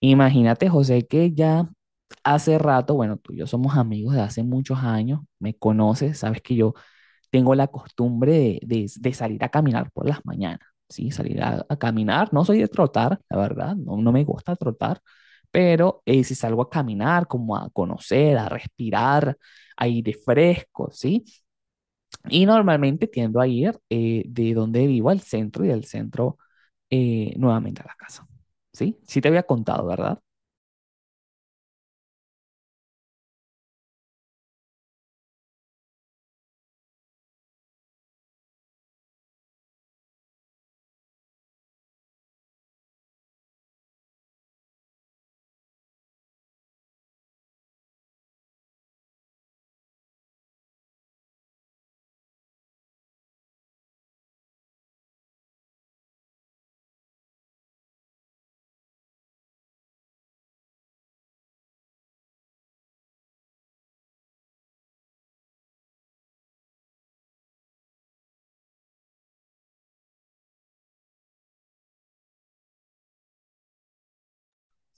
Imagínate, José, que ya hace rato, bueno, tú y yo somos amigos de hace muchos años, me conoces, sabes que yo tengo la costumbre de, de salir a caminar por las mañanas, ¿sí? Salir a caminar, no soy de trotar, la verdad, no, no me gusta trotar, pero si salgo a caminar, como a conocer, a respirar aire fresco, ¿sí? Y normalmente tiendo a ir de donde vivo al centro y del centro nuevamente a la casa, ¿sí? Sí te había contado, ¿verdad?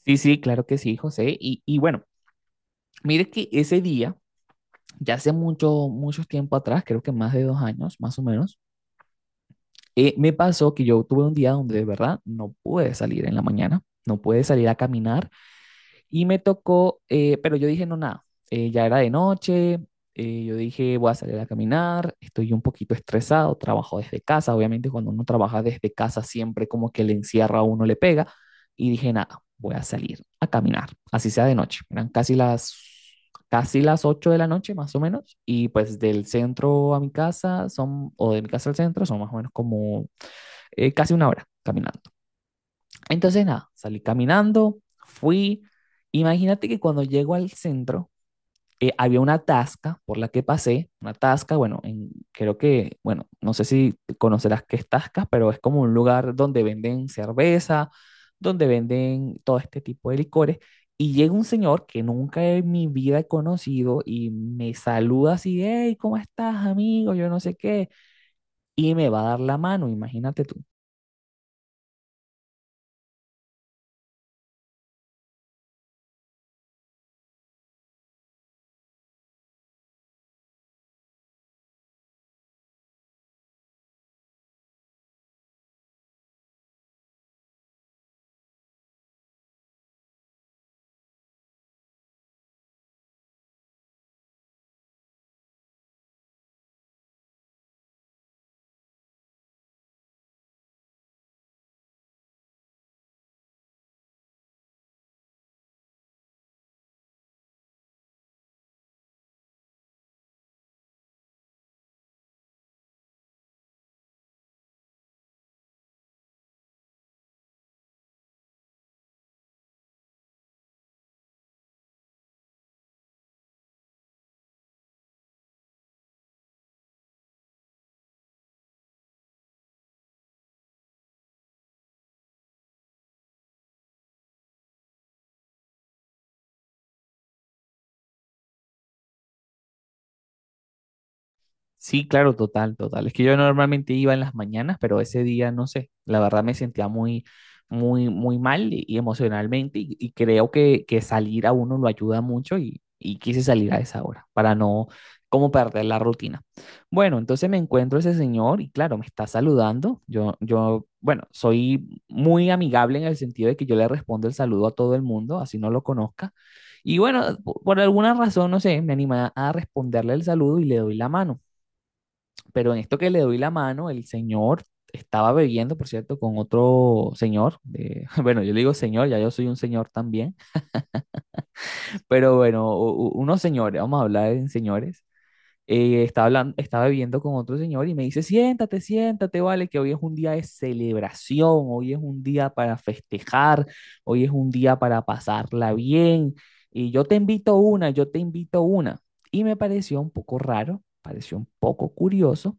Sí, sí, claro que sí, José. Y bueno, mire que ese día, ya hace mucho, mucho tiempo atrás, creo que más de 2 años, más o menos, me pasó que yo tuve un día donde de verdad no pude salir en la mañana, no pude salir a caminar. Y me tocó, pero yo dije, no, nada, ya era de noche, yo dije, voy a salir a caminar, estoy un poquito estresado, trabajo desde casa, obviamente cuando uno trabaja desde casa siempre como que le encierra a uno, le pega, y dije, nada, voy a salir a caminar, así sea de noche, eran casi las 8 de la noche más o menos, y pues del centro a mi casa son, o de mi casa al centro son más o menos como casi una hora caminando. Entonces, nada, salí caminando, fui. Imagínate que cuando llego al centro, había una tasca por la que pasé, una tasca, bueno, creo que, bueno, no sé si conocerás qué es tasca, pero es como un lugar donde venden cerveza, donde venden todo este tipo de licores, y llega un señor que nunca en mi vida he conocido y me saluda así, hey, ¿cómo estás, amigo? Yo no sé qué, y me va a dar la mano, imagínate tú. Sí, claro, total, total. Es que yo normalmente iba en las mañanas, pero ese día, no sé, la verdad me sentía muy, muy, muy mal y emocionalmente y creo que salir a uno lo ayuda mucho y quise salir a esa hora para no como perder la rutina. Bueno, entonces me encuentro ese señor y claro, me está saludando. Yo, bueno, soy muy amigable en el sentido de que yo le respondo el saludo a todo el mundo, así no lo conozca. Y bueno, por alguna razón, no sé, me anima a responderle el saludo y le doy la mano, pero en esto que le doy la mano, el señor estaba bebiendo, por cierto, con otro señor, bueno, yo le digo señor, ya yo soy un señor también, pero bueno, unos señores, vamos a hablar en señores, estaba hablando, estaba bebiendo con otro señor y me dice, siéntate, siéntate, vale, que hoy es un día de celebración, hoy es un día para festejar, hoy es un día para pasarla bien, y yo te invito una, yo te invito una. Y me pareció un poco raro, pareció un poco curioso,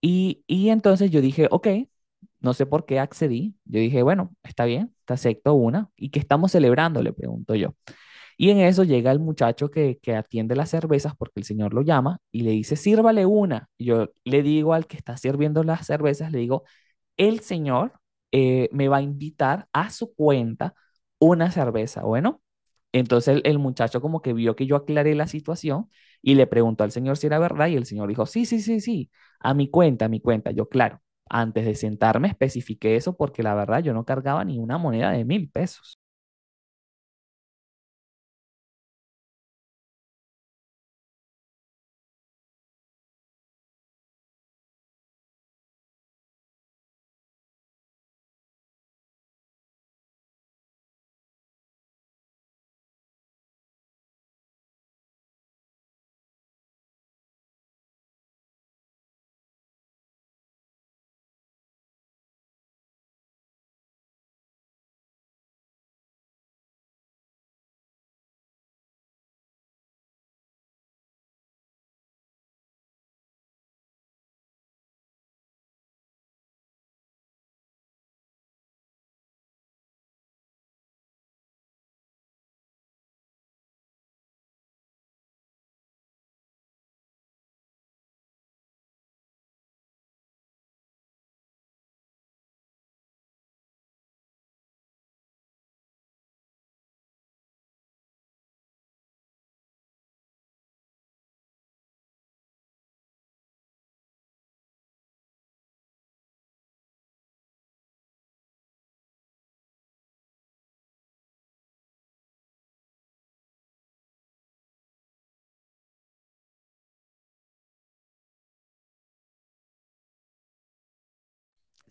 y entonces yo dije, ok, no sé por qué accedí. Yo dije, bueno, está bien, te acepto una. ¿Y qué estamos celebrando? Le pregunto yo. Y en eso llega el muchacho que atiende las cervezas porque el señor lo llama y le dice, sírvale una. Y yo le digo al que está sirviendo las cervezas, le digo, el señor me va a invitar a su cuenta una cerveza. Bueno, entonces el muchacho como que vio que yo aclaré la situación y le preguntó al señor si era verdad y el señor dijo, sí, sí, sí, sí, a mi cuenta, a mi cuenta. Yo, claro, antes de sentarme especifiqué eso porque la verdad yo no cargaba ni una moneda de 1.000 pesos.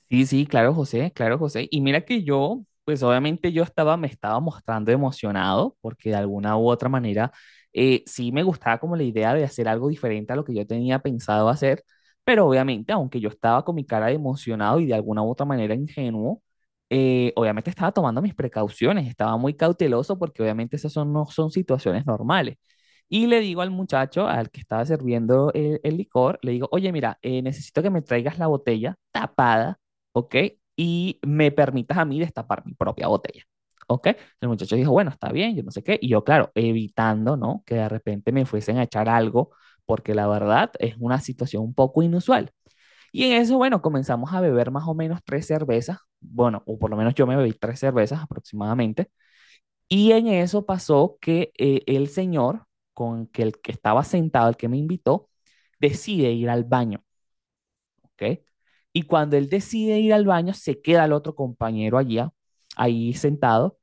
Sí, sí, claro, José, claro, José. Y mira que yo, pues obviamente yo estaba, me estaba mostrando emocionado porque de alguna u otra manera sí me gustaba como la idea de hacer algo diferente a lo que yo tenía pensado hacer, pero obviamente aunque yo estaba con mi cara de emocionado y de alguna u otra manera ingenuo, obviamente estaba tomando mis precauciones, estaba muy cauteloso porque obviamente esas son, no son situaciones normales. Y le digo al muchacho, al que estaba sirviendo el licor, le digo, oye, mira, necesito que me traigas la botella tapada, ¿ok? Y me permitas a mí destapar mi propia botella, ¿ok? El muchacho dijo, bueno, está bien, yo no sé qué. Y yo, claro, evitando, ¿no? Que de repente me fuesen a echar algo, porque la verdad es una situación un poco inusual. Y en eso, bueno, comenzamos a beber más o menos tres cervezas, bueno, o por lo menos yo me bebí tres cervezas aproximadamente. Y en eso pasó que el señor con que el que estaba sentado, el que me invitó, decide ir al baño. ¿Ok? Y cuando él decide ir al baño, se queda el otro compañero allá, ahí sentado,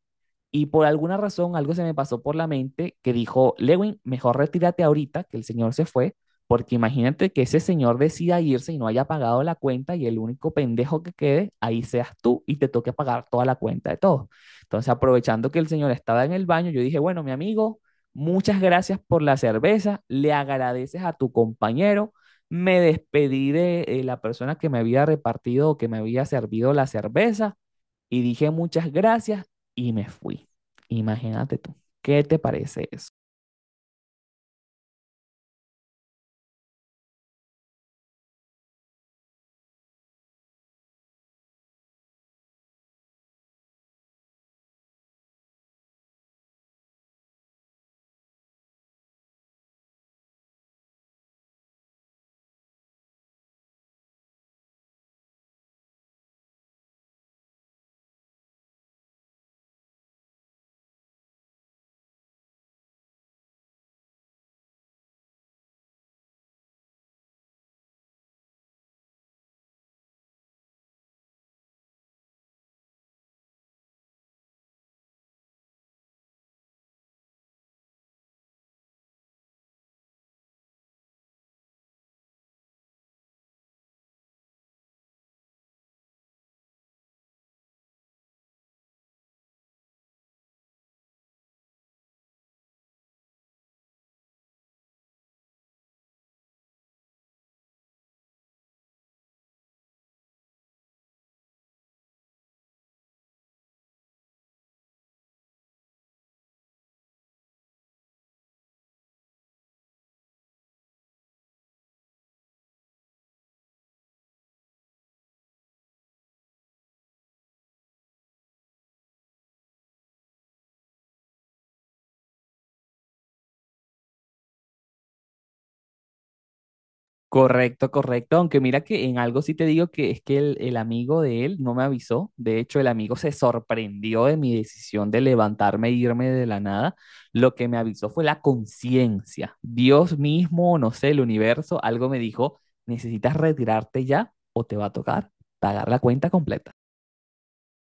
y por alguna razón algo se me pasó por la mente que dijo, Lewin, mejor retírate ahorita que el señor se fue, porque imagínate que ese señor decida irse y no haya pagado la cuenta y el único pendejo que quede, ahí seas tú y te toque pagar toda la cuenta de todos. Entonces, aprovechando que el señor estaba en el baño, yo dije, bueno, mi amigo, muchas gracias por la cerveza, le agradeces a tu compañero. Me despedí de la persona que me había repartido o que me había servido la cerveza y dije muchas gracias y me fui. Imagínate tú, ¿qué te parece eso? Correcto, correcto. Aunque mira que en algo sí te digo que es que el amigo de él no me avisó. De hecho, el amigo se sorprendió de mi decisión de levantarme e irme de la nada. Lo que me avisó fue la conciencia. Dios mismo, no sé, el universo, algo me dijo, necesitas retirarte ya o te va a tocar pagar la cuenta completa.